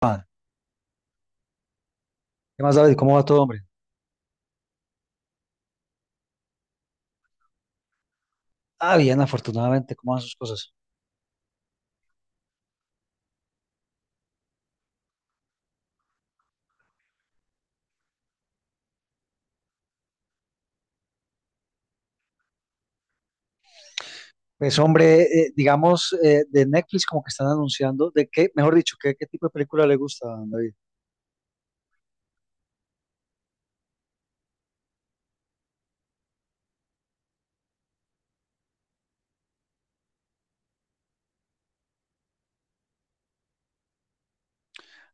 Ah, ¿qué más, David? ¿Cómo va todo, hombre? Ah, bien, afortunadamente, ¿cómo van sus cosas? Pues, hombre, digamos, de Netflix como que están anunciando, de qué, mejor dicho, ¿qué tipo de película le gusta, David?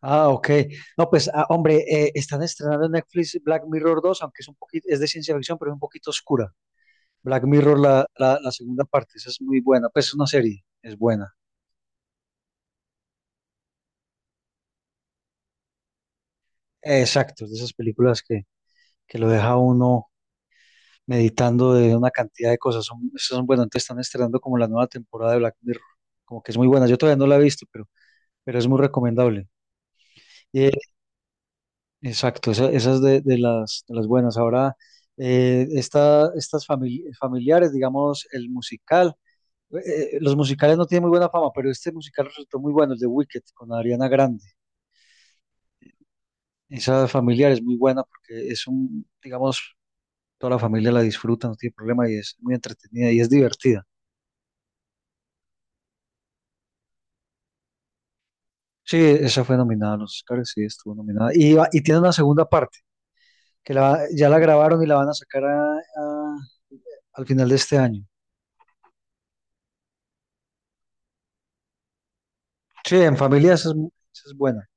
Ah, ok. No, pues, ah, hombre, están estrenando en Netflix Black Mirror 2, aunque es un poquito, es de ciencia ficción, pero es un poquito oscura. Black Mirror, la segunda parte, esa es muy buena, pues es una serie, es buena. Exacto, es de esas películas que lo deja uno meditando de una cantidad de cosas. Son, esas son, bueno, entonces están estrenando como la nueva temporada de Black Mirror, como que es muy buena. Yo todavía no la he visto, pero es muy recomendable. Eh, exacto, esas de las buenas. Ahora, familiares, digamos, el musical. Los musicales no tienen muy buena fama, pero este musical resultó muy bueno, el de Wicked, con Ariana Grande. Esa familiar es muy buena porque es un, digamos, toda la familia la disfruta, no tiene problema y es muy entretenida y es divertida. Sí, esa fue nominada a los Oscars, sí, estuvo nominada. Y tiene una segunda parte, que la, ya la grabaron y la van a sacar al final de este año. Sí, en familia esa es buena.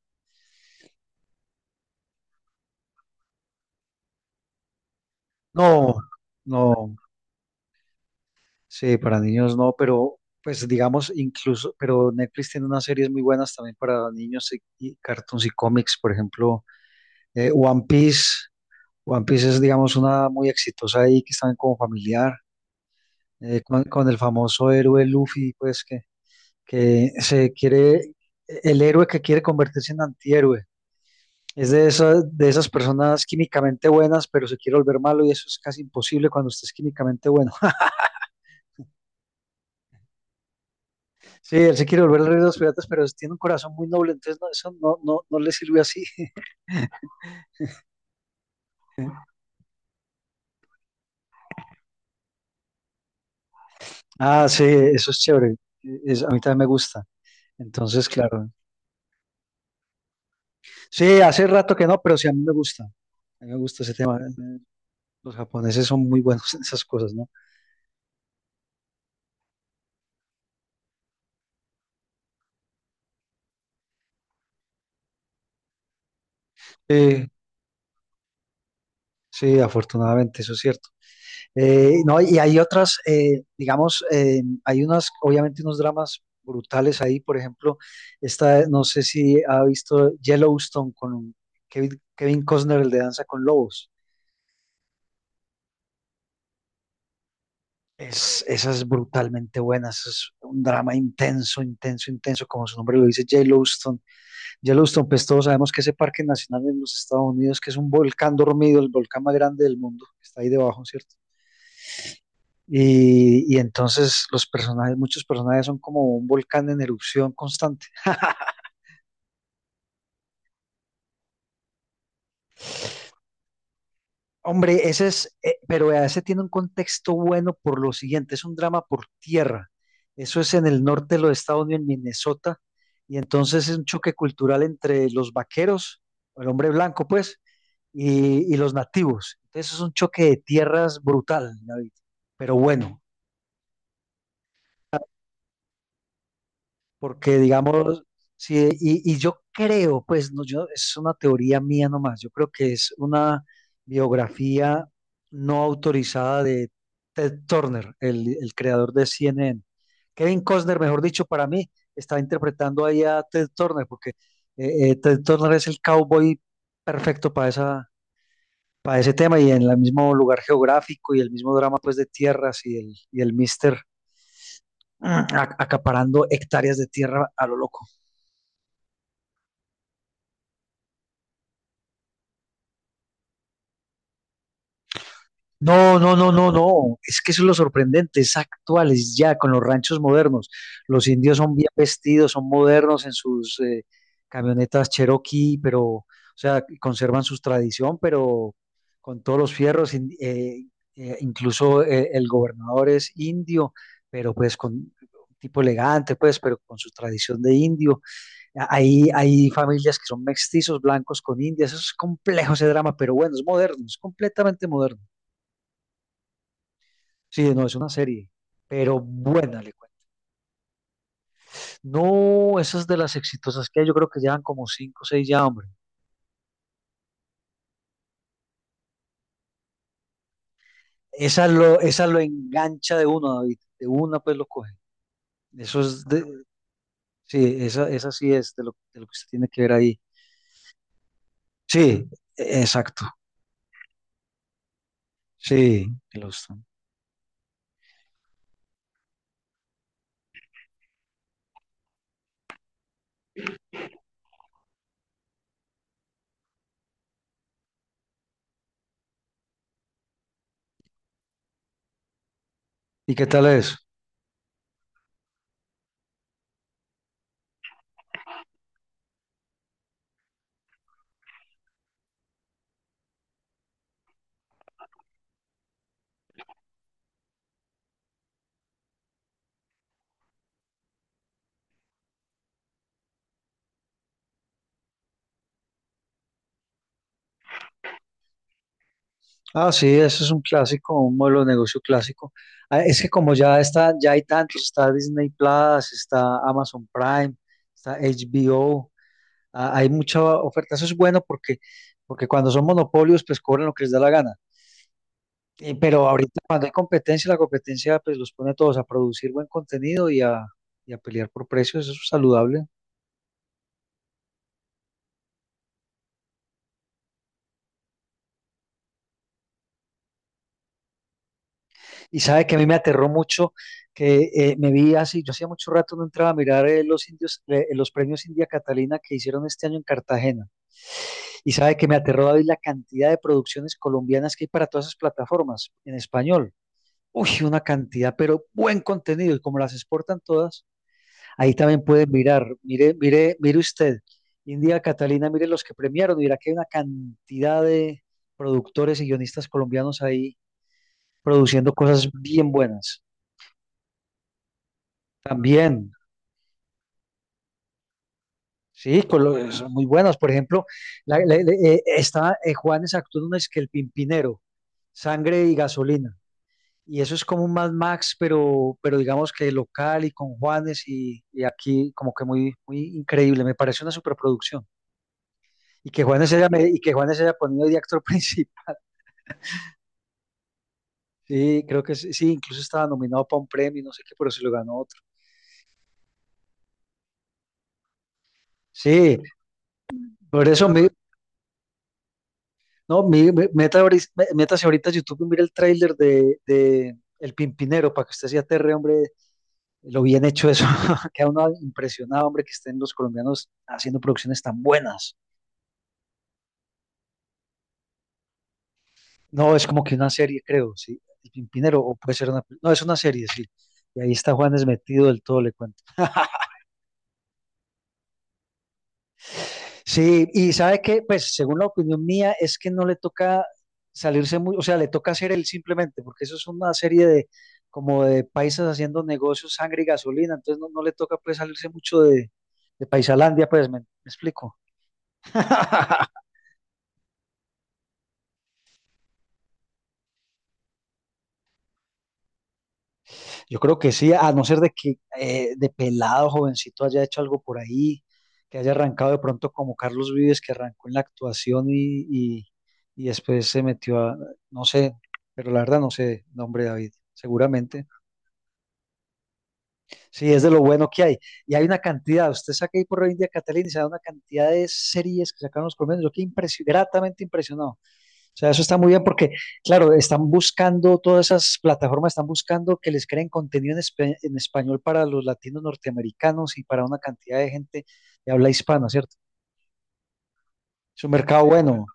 No, no, sí, para niños no, pero pues digamos incluso, pero Netflix tiene unas series muy buenas también para niños y cartoons y cómics, por ejemplo, One Piece. One Piece es, digamos, una muy exitosa ahí que están como familiar, con el famoso héroe Luffy, pues que se quiere, el héroe que quiere convertirse en antihéroe. Es de esas personas químicamente buenas, pero se quiere volver malo y eso es casi imposible cuando usted es químicamente bueno. Sí, él se quiere volver el rey de los piratas, pero tiene un corazón muy noble, entonces no, eso no, no, no le sirve así. Ah, sí, eso es chévere. Es, a mí también me gusta. Entonces, claro. Sí, hace rato que no, pero sí a mí me gusta. A mí me gusta ese tema. Los japoneses son muy buenos en esas cosas, ¿no? Sí, sí, afortunadamente, eso es cierto. No, y hay otras, digamos, hay unas, obviamente unos dramas brutales ahí, por ejemplo, esta, no sé si ha visto Yellowstone con Kevin, Kevin Costner, el de Danza con Lobos. Es, esa es brutalmente buena, esa es un drama intenso, intenso, intenso, como su nombre lo dice, Yellowstone. Yellowstone, pues todos sabemos que ese parque nacional en los Estados Unidos, que es un volcán dormido, el volcán más grande del mundo, que está ahí debajo, ¿cierto? Y entonces los personajes, muchos personajes son como un volcán en erupción constante. Hombre, ese es, pero vea, ese tiene un contexto bueno por lo siguiente, es un drama por tierra. Eso es en el norte de los Estados Unidos, en Minnesota, y entonces es un choque cultural entre los vaqueros, el hombre blanco, pues, y los nativos. Entonces es un choque de tierras brutal, David, pero bueno. Porque, digamos, sí, y yo creo, pues, no, yo, es una teoría mía nomás, yo creo que es una biografía no autorizada de Ted Turner, el creador de CNN. Kevin Costner, mejor dicho, para mí, está interpretando ahí a Ted Turner, porque Ted Turner es el cowboy perfecto para esa, para ese tema y en el mismo lugar geográfico y el mismo drama, pues, de tierras y el mister mm, acaparando hectáreas de tierra a lo loco. No, no, no, no, no. Es que eso es lo sorprendente. Es actuales ya con los ranchos modernos. Los indios son bien vestidos, son modernos en sus camionetas Cherokee, pero, o sea, conservan su tradición, pero con todos los fierros. Incluso el gobernador es indio, pero pues con un tipo elegante, pues, pero con su tradición de indio. Hay, hay familias que son mestizos blancos con indias. Eso es complejo ese drama, pero bueno, es moderno, es completamente moderno. Sí, no, es una serie, pero buena, le cuento. No, esas de las exitosas que hay, yo creo que llevan como cinco o seis ya, hombre. Esa lo engancha de una, David, de una pues lo coge. Eso es de, sí, esa sí es de lo que usted tiene que ver ahí. Sí, exacto, sí, Yellowstone. ¿Y qué tal es? Ah, sí, eso es un clásico, un modelo de negocio clásico. Ah, es que como ya está, ya hay tantos, está Disney Plus, está Amazon Prime, está HBO. Ah, hay mucha oferta. Eso es bueno porque, porque cuando son monopolios, pues cobran lo que les da la gana. Y- pero ahorita cuando hay competencia, la competencia pues los pone a todos a producir buen contenido y a pelear por precios. Eso es saludable. Y sabe que a mí me aterró mucho que me vi así, yo hacía mucho rato no entraba a mirar los indios, los premios India Catalina que hicieron este año en Cartagena. Y sabe que me aterró, David, la cantidad de producciones colombianas que hay para todas esas plataformas en español. Uy, una cantidad, pero buen contenido. Y como las exportan todas, ahí también pueden mirar. Mire, mire, mire usted, India Catalina, mire los que premiaron. Mira que hay una cantidad de productores y guionistas colombianos ahí produciendo cosas bien buenas. También, sí, son muy buenas. Por ejemplo, está Juanes actuó en una es que El Pimpinero, Sangre y Gasolina. Y eso es como un Mad Max, pero digamos que local y con Juanes y aquí como que muy, muy increíble. Me parece una superproducción. Y que Juanes haya ponido de actor principal. Sí, creo que sí, sí, incluso estaba nominado para un premio, no sé qué, pero se lo ganó otro. Sí, por eso, no, métase ahorita a YouTube y mira el tráiler de El Pimpinero para que usted se aterre, hombre, lo bien hecho eso. Queda uno impresionado, hombre, que estén los colombianos haciendo producciones tan buenas. No, es como que una serie, creo, sí. El Pimpinero, o puede ser una. No, es una serie, sí. Y ahí está Juanes metido del todo, le cuento. Sí, y sabe que, pues, según la opinión mía, es que no le toca salirse muy, o sea, le toca hacer él simplemente, porque eso es una serie de como de paisas haciendo negocios, sangre y gasolina, entonces no, no le toca pues salirse mucho de Paisalandia, pues, me explico? Yo creo que sí, a no ser de que de pelado, jovencito, haya hecho algo por ahí, que haya arrancado de pronto como Carlos Vives, que arrancó en la actuación y después se metió a, no sé, pero la verdad no sé, nombre David, seguramente. Sí, es de lo bueno que hay. Y hay una cantidad, usted saca ahí por India Catalina y se da una cantidad de series que sacaron los colombianos, yo quedé gratamente impresionado. O sea, eso está muy bien porque, claro, están buscando, todas esas plataformas están buscando que les creen contenido en, en español para los latinos norteamericanos y para una cantidad de gente de habla hispana, ¿cierto? Es un mercado bueno.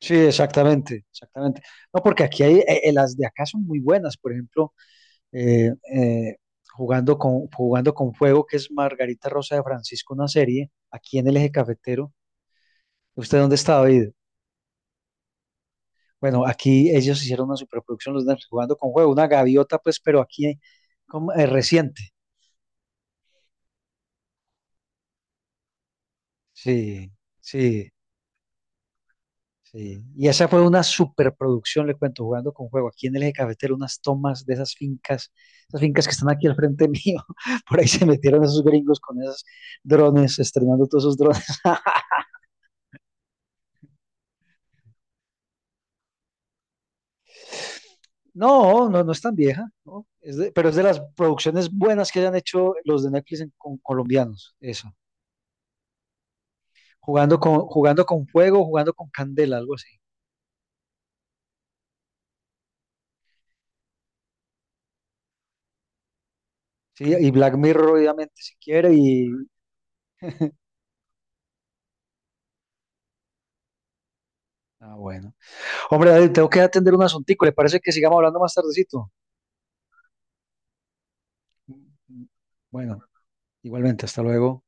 Sí, exactamente, exactamente. No, porque aquí hay, las de acá son muy buenas, por ejemplo, eh, eh, jugando con fuego, que es Margarita Rosa de Francisco, una serie, aquí en el Eje Cafetero. ¿Usted dónde está, David? Bueno, aquí ellos hicieron una superproducción, los Nerds, jugando con juego, una gaviota, pues, pero aquí como, reciente. Sí, sí, sí. Y esa fue una superproducción, le cuento, jugando con juego. Aquí en el eje cafetero, unas tomas de esas fincas que están aquí al frente mío. Por ahí se metieron esos gringos con esos drones, estrenando todos esos drones. No, no, no es tan vieja, ¿no? Es de- pero es de las producciones buenas que hayan hecho los de Netflix en- con colombianos, eso. Jugando con fuego, jugando con candela, algo así. Sí, y Black Mirror, obviamente, si quiere. Y. Ah, bueno. Hombre, David, tengo que atender un asuntico. ¿Le parece que sigamos hablando más tardecito? Bueno, igualmente, hasta luego.